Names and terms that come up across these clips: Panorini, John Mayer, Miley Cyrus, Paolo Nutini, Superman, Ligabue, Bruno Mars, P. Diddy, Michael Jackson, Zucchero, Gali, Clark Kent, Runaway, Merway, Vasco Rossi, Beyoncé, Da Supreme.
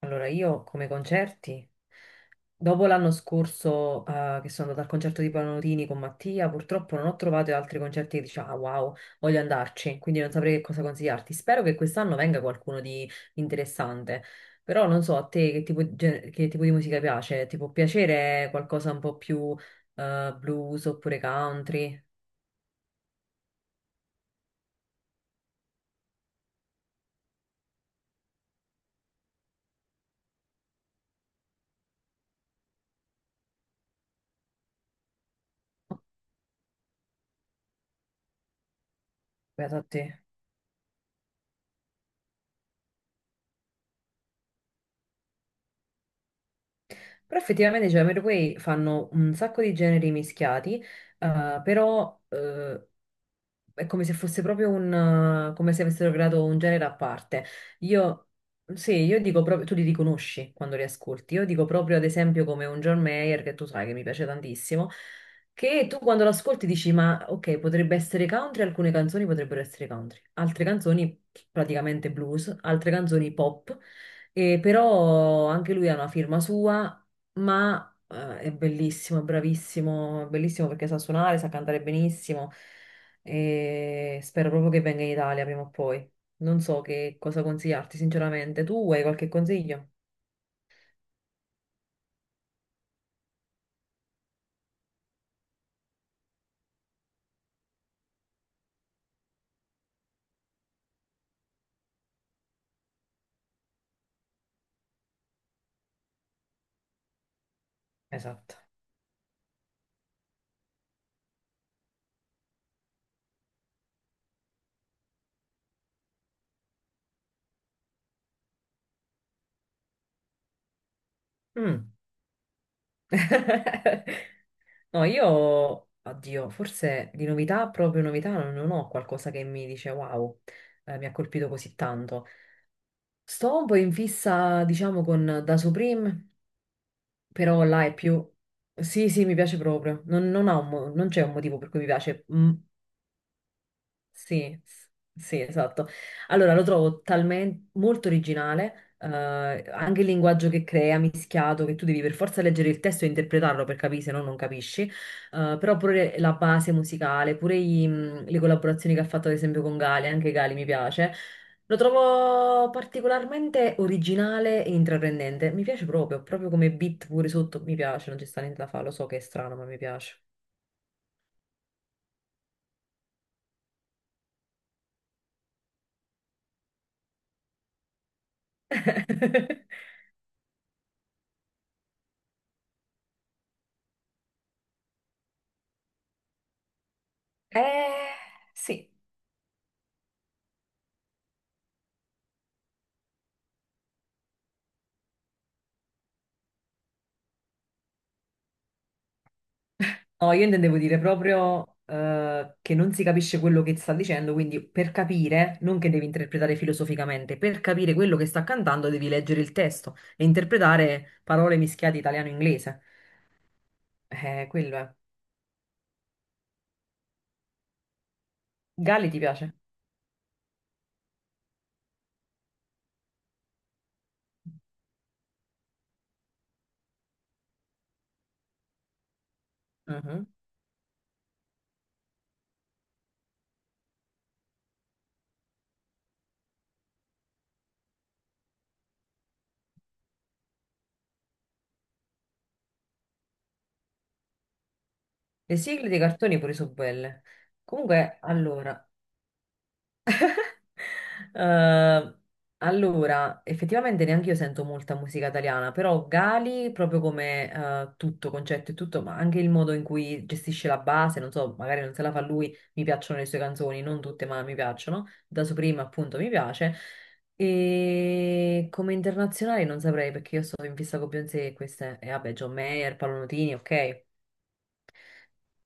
Allora, io come concerti, dopo l'anno scorso che sono andata al concerto di Panorini con Mattia, purtroppo non ho trovato altri concerti che dicevo, ah wow, voglio andarci, quindi non saprei che cosa consigliarti. Spero che quest'anno venga qualcuno di interessante, però non so a te che tipo, che tipo di musica piace, ti può piacere qualcosa un po' più blues oppure country? Beato a te. Però effettivamente, cioè, Merway fanno un sacco di generi mischiati, però è come se fosse proprio come se avessero creato un genere a parte. Io, sì, io dico proprio, tu li riconosci quando li ascolti. Io dico proprio, ad esempio, come un John Mayer, che tu sai che mi piace tantissimo, che tu quando lo ascolti dici, ma ok, potrebbe essere country, alcune canzoni potrebbero essere country, altre canzoni praticamente blues, altre canzoni pop, e però anche lui ha una firma sua, ma... È bellissimo, è bravissimo, è bellissimo perché sa suonare, sa cantare benissimo e spero proprio che venga in Italia prima o poi. Non so che cosa consigliarti, sinceramente. Tu hai qualche consiglio? Esatto. Mm. No, io, oddio, forse di novità, proprio novità, non ho qualcosa che mi dice wow, mi ha colpito così tanto. Sto un po' in fissa, diciamo, con Da Supreme, però là è più... Sì, sì, mi piace proprio. Non ha non c'è un motivo per cui mi piace. Mm, Sì, s- sì, esatto. Allora, lo trovo talmente molto originale, anche il linguaggio che crea, mischiato, che tu devi per forza leggere il testo e interpretarlo per capire, se no non capisci. Però pure la base musicale, le collaborazioni che ha fatto ad esempio con Gali, anche Gali mi piace. Lo trovo particolarmente originale e intraprendente. Mi piace proprio, proprio come beat pure sotto, mi piace, non ci sta niente da fare, lo so che è strano, ma mi piace. Eh, sì. No, io intendevo dire proprio che non si capisce quello che sta dicendo, quindi per capire, non che devi interpretare filosoficamente, per capire quello che sta cantando devi leggere il testo e interpretare parole mischiate italiano-inglese. Quello è. Galli ti piace? Mhm. Le sigle dei cartoni pure sono belle. Comunque, allora, Eh, allora, effettivamente neanche io sento molta musica italiana, però Gali, proprio come tutto, concetto e tutto, ma anche il modo in cui gestisce la base, non so, magari non se la fa lui, mi piacciono le sue canzoni, non tutte, ma mi piacciono. Da Supreme, appunto, mi piace. E come internazionale non saprei perché io sono in fissa con Beyoncé e queste, e vabbè, John Mayer, Paolo Nutini, ok,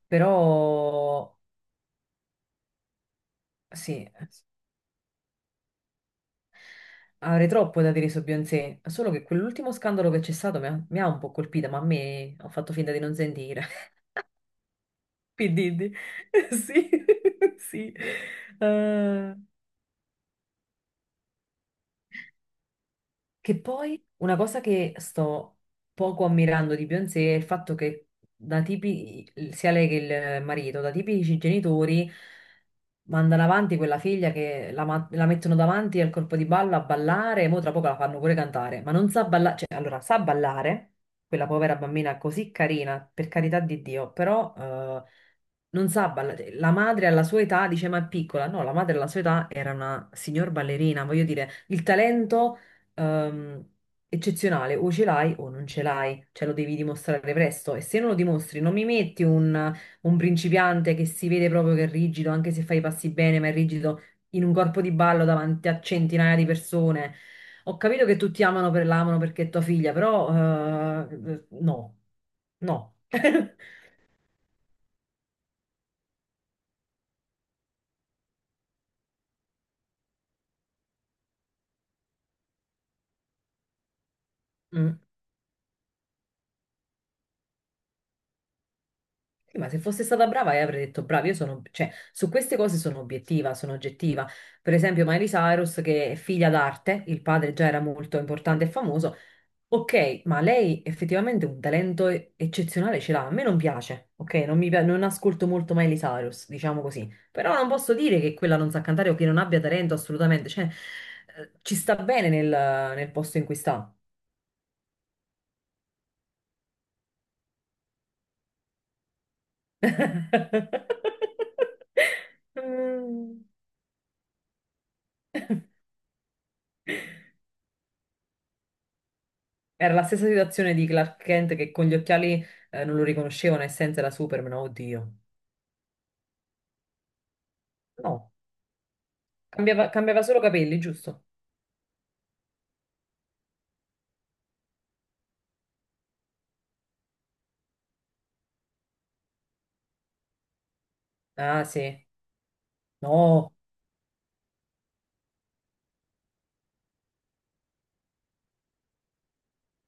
però sì. Avrei troppo da dire su Beyoncé, solo che quell'ultimo scandalo che c'è stato mi ha un po' colpita, ma a me ho fatto finta di non sentire. P. Diddy. Sì, sì. Eh, che poi una cosa che sto poco ammirando di Beyoncé è il fatto che da tipi, sia lei che il marito, da tipici genitori, mandano avanti quella figlia che la mettono davanti al corpo di ballo a ballare, e mo tra poco la fanno pure cantare, ma non sa ballare, cioè allora sa ballare, quella povera bambina così carina, per carità di Dio, però non sa ballare. La madre alla sua età dice ma è piccola, no, la madre alla sua età era una signor ballerina, voglio dire, il talento ehm, eccezionale, o ce l'hai o non ce l'hai, cioè lo devi dimostrare presto e se non lo dimostri non mi metti un principiante che si vede proprio che è rigido, anche se fai i passi bene, ma è rigido in un corpo di ballo davanti a centinaia di persone. Ho capito che tutti amano per l'amano perché è tua figlia, però no, no. Mm. Ma se fosse stata brava, io avrei detto brava, io sono, cioè, su queste cose sono obiettiva, sono oggettiva. Per esempio, Miley Cyrus, che è figlia d'arte, il padre già era molto importante e famoso. Ok, ma lei effettivamente un eccezionale ce l'ha. A me non piace, ok? Non mi pia- non ascolto molto Miley Cyrus, diciamo così. Però non posso dire che quella non sa cantare o che non abbia talento assolutamente. Cioè, ci sta bene nel posto in cui sta. Mm. Era la stessa situazione di Clark Kent che con gli occhiali non lo riconoscevano e senza era Superman, oddio. No, cambiava solo capelli, giusto? Ah, sì. No,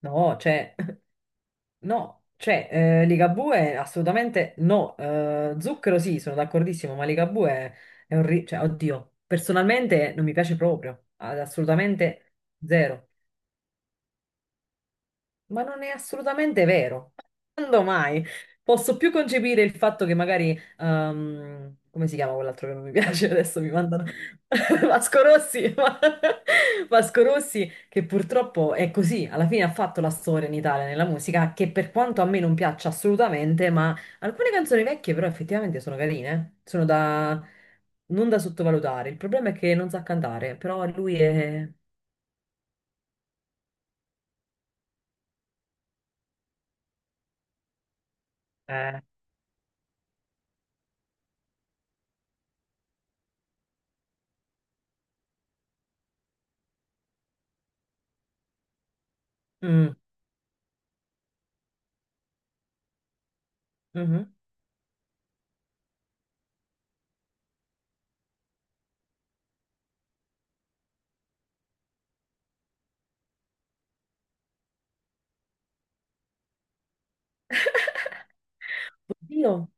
no, cioè, no, cioè, Ligabue assolutamente no. Zucchero sì, sono d'accordissimo, ma è un... cioè, oddio, personalmente non mi piace proprio, assolutamente zero. Ma non è assolutamente vero. Quando mai? Posso più concepire il fatto che magari, come si chiama quell'altro che non mi piace? Adesso mi mandano Vasco Rossi, Vasco Rossi, che purtroppo è così, alla fine ha fatto la storia in Italia nella musica, che per quanto a me non piaccia assolutamente, ma alcune canzoni vecchie però effettivamente sono carine, sono da... non da sottovalutare. Il problema è che non sa cantare, però lui è... Eh, mm, mhm. Dio.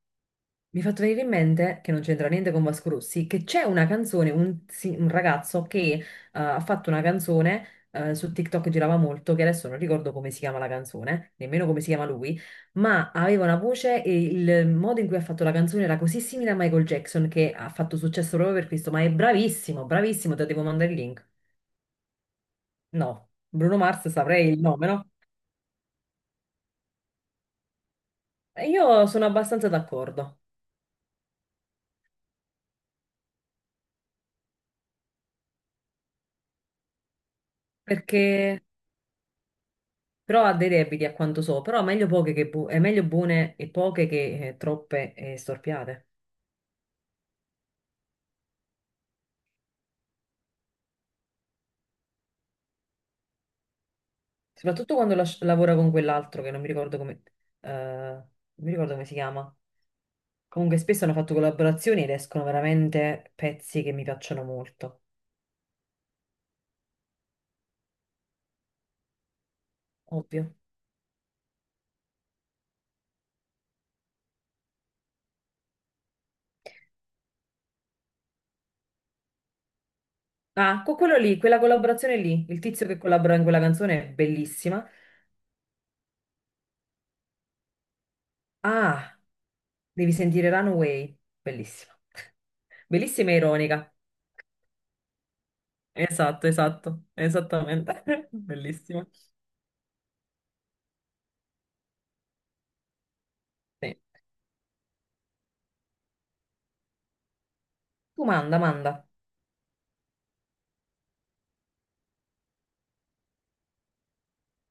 Mi fa fatto venire in mente, che non c'entra niente con Vasco Rossi, che c'è una canzone, un ragazzo che ha fatto una canzone su TikTok, girava molto, che adesso non ricordo come si chiama la canzone, nemmeno come si chiama lui, ma aveva una voce e il modo in cui ha fatto la canzone era così simile a Michael Jackson che ha fatto successo proprio per questo, ma è bravissimo, bravissimo, te devo mandare il link. No, Bruno Mars saprei il nome, no? E io sono abbastanza d'accordo, perché però ha dei debiti a quanto so, però meglio poche che bu- è meglio buone e poche che troppe e storpiate. Soprattutto quando lavora con quell'altro che non mi ricordo come, non mi ricordo come si chiama. Comunque spesso hanno fatto collaborazioni ed escono veramente pezzi che mi piacciono molto, ovvio. Ah, con quello lì, quella collaborazione lì, il tizio che collabora in quella canzone è bellissima. Ah, devi sentire Runaway, bellissima. Bellissima e ironica. Esatto, esatto, esattamente. Bellissima. Sì. Tu manda, manda.